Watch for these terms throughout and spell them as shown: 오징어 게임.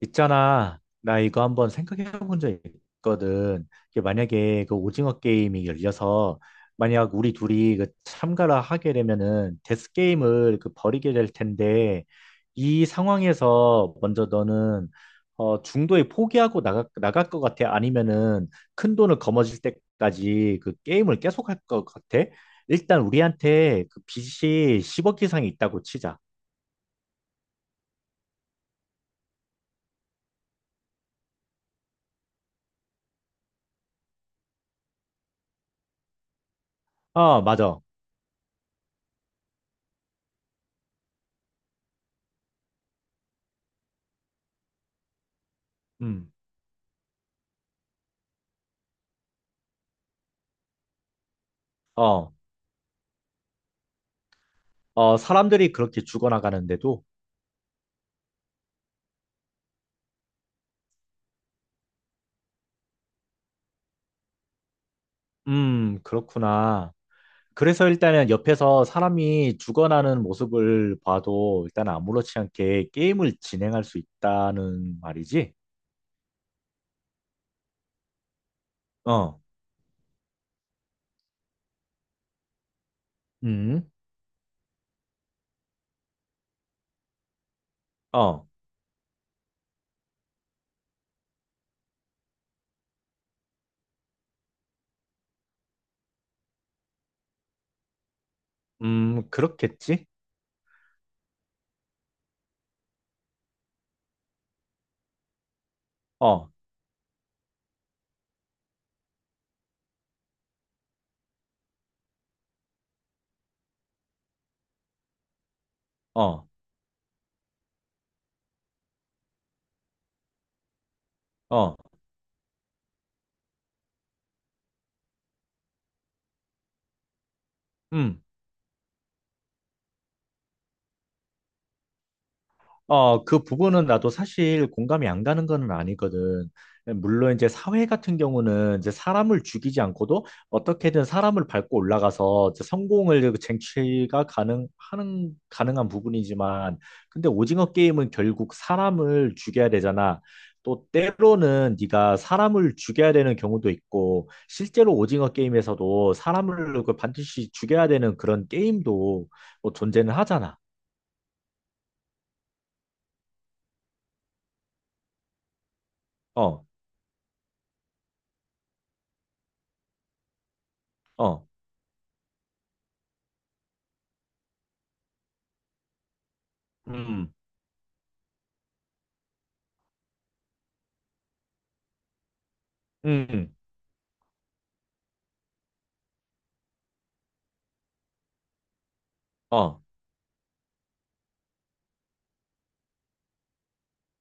있잖아. 나 이거 한번 생각해 본 적 있거든. 이게 만약에 그 오징어 게임이 열려서 만약 우리 둘이 그 참가를 하게 되면은 데스 게임을 그 벌이게 될 텐데 이 상황에서 먼저 너는 중도에 포기하고 나가 나갈 것 같아? 아니면은 큰 돈을 거머쥘 때까지 그 게임을 계속할 것 같아? 일단 우리한테 그 빚이 10억 이상이 있다고 치자. 어, 맞아. 음. 어. 어, 사람들이 그렇게 죽어나가는데도, 그렇구나. 그래서 일단은 옆에서 사람이 죽어나는 모습을 봐도 일단 아무렇지 않게 게임을 진행할 수 있다는 말이지? 어, 음, 어, 그렇겠지? 어, 어, 어, 음. 어, 그 부분은 나도 사실 공감이 안 가는 건 아니거든. 예, 물론 이제 사회 같은 경우는 이제 사람을 죽이지 않고도 어떻게든 사람을 밟고 올라가서 이제 성공을 쟁취가 가능, 하는, 가능한 부분이지만, 근데 오징어 게임은 결국 사람을 죽여야 되잖아. 또 때로는 네가 사람을 죽여야 되는 경우도 있고, 실제로 오징어 게임에서도 사람을 그 반드시 죽여야 되는 그런 게임도 뭐 존재는 하잖아. 어, 어. 음. 음, 어,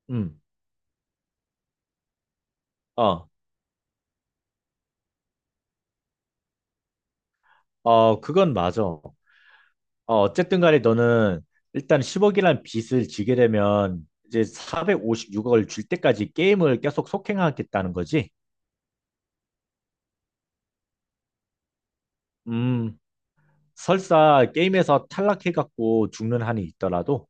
음, 어, 어, 그건 맞아. 어, 어쨌든 간에 너는 일단 10억이란 빚을 지게 되면 이제 456억을 줄 때까지 게임을 계속 속행하겠다는 거지. 음, 설사 게임에서 탈락해갖고 죽는 한이 있더라도,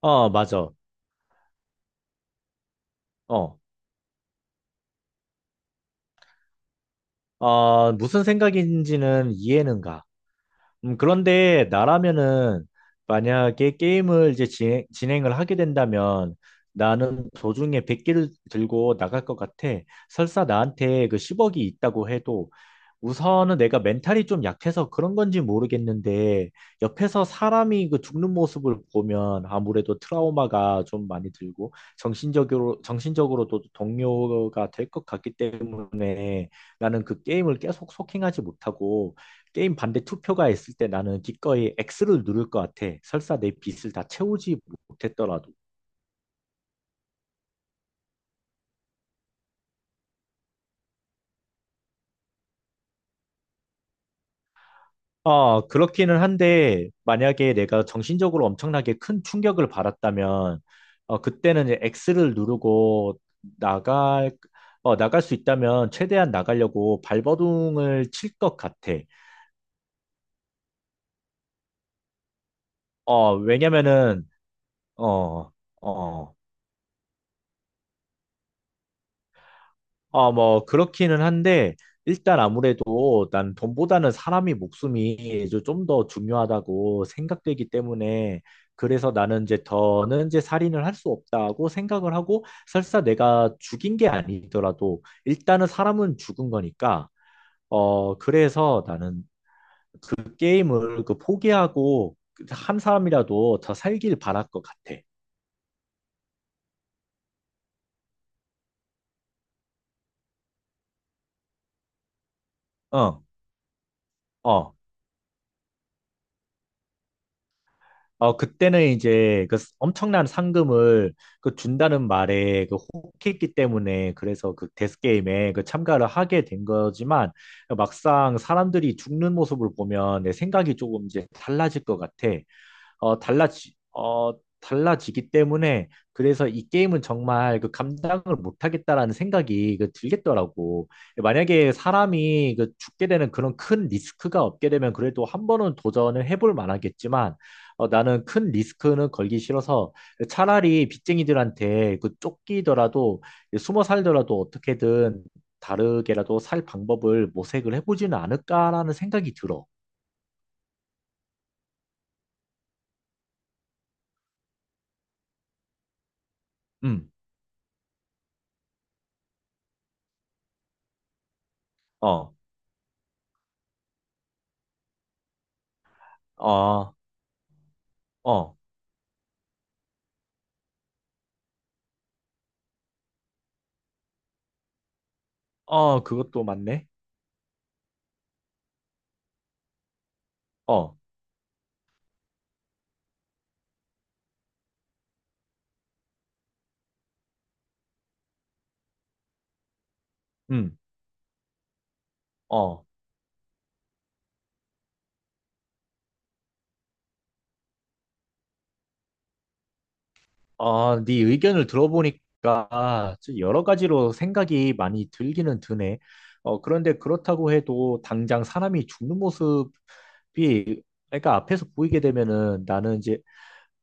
어, 맞아. 어, 무슨 생각인지는 이해는 가. 그런데 나라면은 만약에 게임을 이제 진행을 하게 된다면 나는 도중에 100개를 들고 나갈 것 같아. 설사 나한테 그 10억이 있다고 해도 우선은 내가 멘탈이 좀 약해서 그런 건지 모르겠는데, 옆에서 사람이 그 죽는 모습을 보면 아무래도 트라우마가 좀 많이 들고, 정신적으로도 동요가 될 것 같기 때문에 나는 그 게임을 계속 소킹하지 못하고, 게임 반대 투표가 있을 때 나는 기꺼이 X를 누를 것 같아. 설사 내 빚을 다 채우지 못했더라도. 어, 그렇기는 한데, 만약에 내가 정신적으로 엄청나게 큰 충격을 받았다면, 어, 그때는 이제 X를 누르고 나갈, 나갈 수 있다면 최대한 나가려고 발버둥을 칠 것 같아. 어, 왜냐면은, 어, 어, 뭐, 그렇기는 한데, 일단 아무래도 난 돈보다는 사람이 목숨이 좀 더 중요하다고 생각되기 때문에, 그래서 나는 이제 더는 이제 살인을 할 수 없다고 생각을 하고, 설사 내가 죽인 게 아니더라도, 일단은 사람은 죽은 거니까, 어, 그래서 나는 그 게임을 그 포기하고, 한 사람이라도 더 살길 바랄 것 같아. 어, 어. 어, 그때는 이제 그 엄청난 상금을 그 준다는 말에 그 혹했기 때문에 그래서 그 데스게임에 그 참가를 하게 된 거지만 막상 사람들이 죽는 모습을 보면 내 생각이 조금 이제 달라질 것 같아. 어, 달라지기 때문에 그래서 이 게임은 정말 그 감당을 못하겠다라는 생각이 그 들겠더라고. 만약에 사람이 그 죽게 되는 그런 큰 리스크가 없게 되면 그래도 한 번은 도전을 해볼 만하겠지만 나는 큰 리스크는 걸기 싫어서 차라리 빚쟁이들한테 그 쫓기더라도 숨어 살더라도 어떻게든 다르게라도 살 방법을 모색을 해보지는 않을까라는 생각이 들어. 음, 어, 어, 어. 어, 그것도 맞네. 어, 음, 어, 어, 네 의견을 들어보니까 좀 여러 가지로 생각이 많이 들기는 드네. 어, 그런데 그렇다고 해도 당장 사람이 죽는 모습이, 그러니까 앞에서 보이게 되면은 나는 이제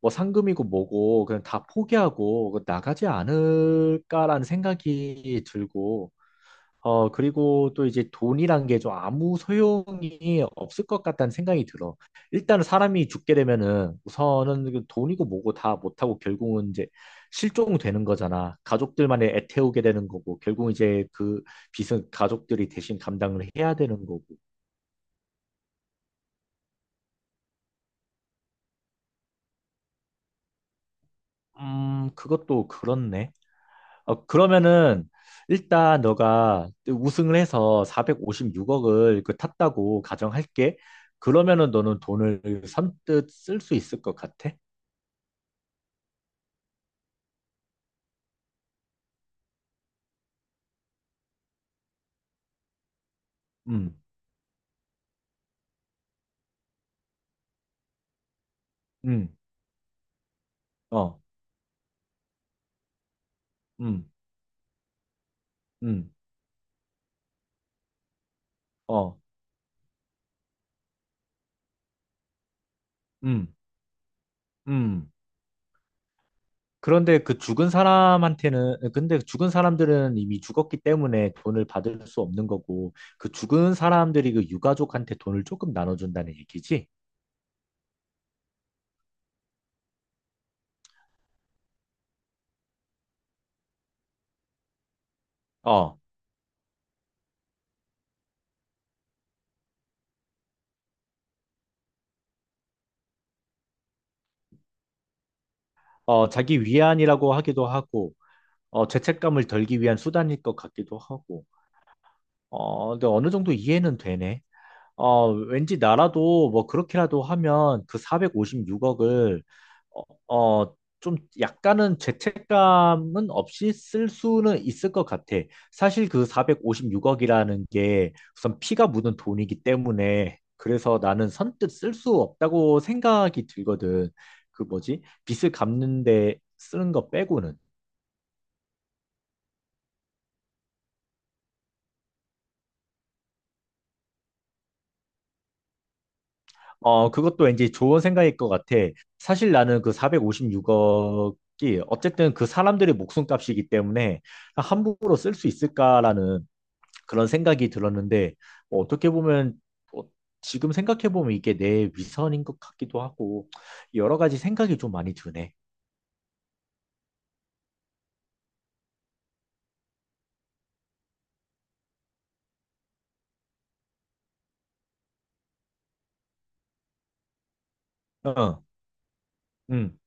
뭐 상금이고 뭐고 그냥 다 포기하고 나가지 않을까라는 생각이 들고, 어, 그리고 또 이제 돈이란 게 좀 아무 소용이 없을 것 같다는 생각이 들어. 일단은 사람이 죽게 되면은 우선은 그 돈이고 뭐고 다 못하고 결국은 이제 실종되는 거잖아. 가족들만의 애태우게 되는 거고, 결국 이제 그 빚은 가족들이 대신 감당을 해야 되는 거고. 그것도 그렇네. 어, 그러면은 일단 너가 우승을 해서 456억을 그 탔다고 가정할게. 그러면은 너는 돈을 선뜻 쓸 수 있을 것 같아? 음, 음, 어, 음, 음, 어, 음, 음. 그런데 그 죽은 사람한테는, 근데 죽은 사람들은 이미 죽었기 때문에 돈을 받을 수 없는 거고, 그 죽은 사람들이 그 유가족한테 돈을 조금 나눠준다는 얘기지? 어, 어, 자기 위안이라고 하기도 하고, 어, 죄책감을 덜기 위한 수단일 것 같기도 하고. 어, 근데 어느 정도 이해는 되네. 어, 왠지 나라도 뭐 그렇게라도 하면 그 456억을 어, 어, 좀 약간은 죄책감은 없이 쓸 수는 있을 것 같아. 사실 그 456억이라는 게 우선 피가 묻은 돈이기 때문에 그래서 나는 선뜻 쓸 수 없다고 생각이 들거든. 그 뭐지? 빚을 갚는데 쓰는 거 빼고는. 어, 그것도 왠지 좋은 생각일 것 같아. 사실 나는 그 456억이 어쨌든 그 사람들의 목숨값이기 때문에 함부로 쓸 수 있을까라는 그런 생각이 들었는데, 뭐 어떻게 보면, 뭐 지금 생각해보면 이게 내 위선인 것 같기도 하고, 여러 가지 생각이 좀 많이 드네. 어, 음,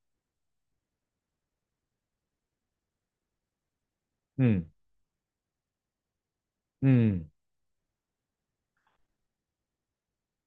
음, 음.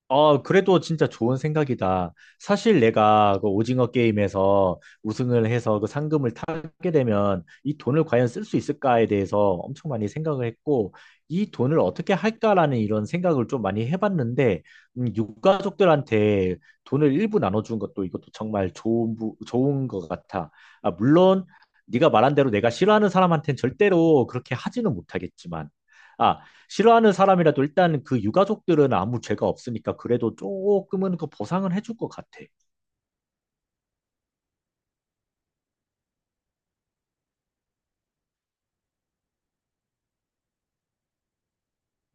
어, 그래도 진짜 좋은 생각이다. 사실 내가 그 오징어 게임에서 우승을 해서 그 상금을 타게 되면 이 돈을 과연 쓸 수 있을까에 대해서 엄청 많이 생각을 했고, 이 돈을 어떻게 할까라는 이런 생각을 좀 많이 해봤는데, 유가족들한테 돈을 일부 나눠준 것도 이것도 정말 좋은, 좋은 것 같아. 아, 물론 네가 말한 대로 내가 싫어하는 사람한테는 절대로 그렇게 하지는 못하겠지만, 아, 싫어하는 사람이라도 일단 그 유가족들은 아무 죄가 없으니까 그래도 조금은 그 보상은 해줄 것 같아.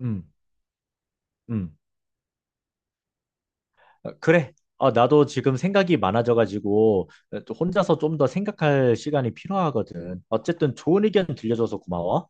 음, 음. 어, 그래. 어, 나도 지금 생각이 많아져가지고 또 혼자서 좀 더 생각할 시간이 필요하거든. 어쨌든 좋은 의견 들려줘서 고마워.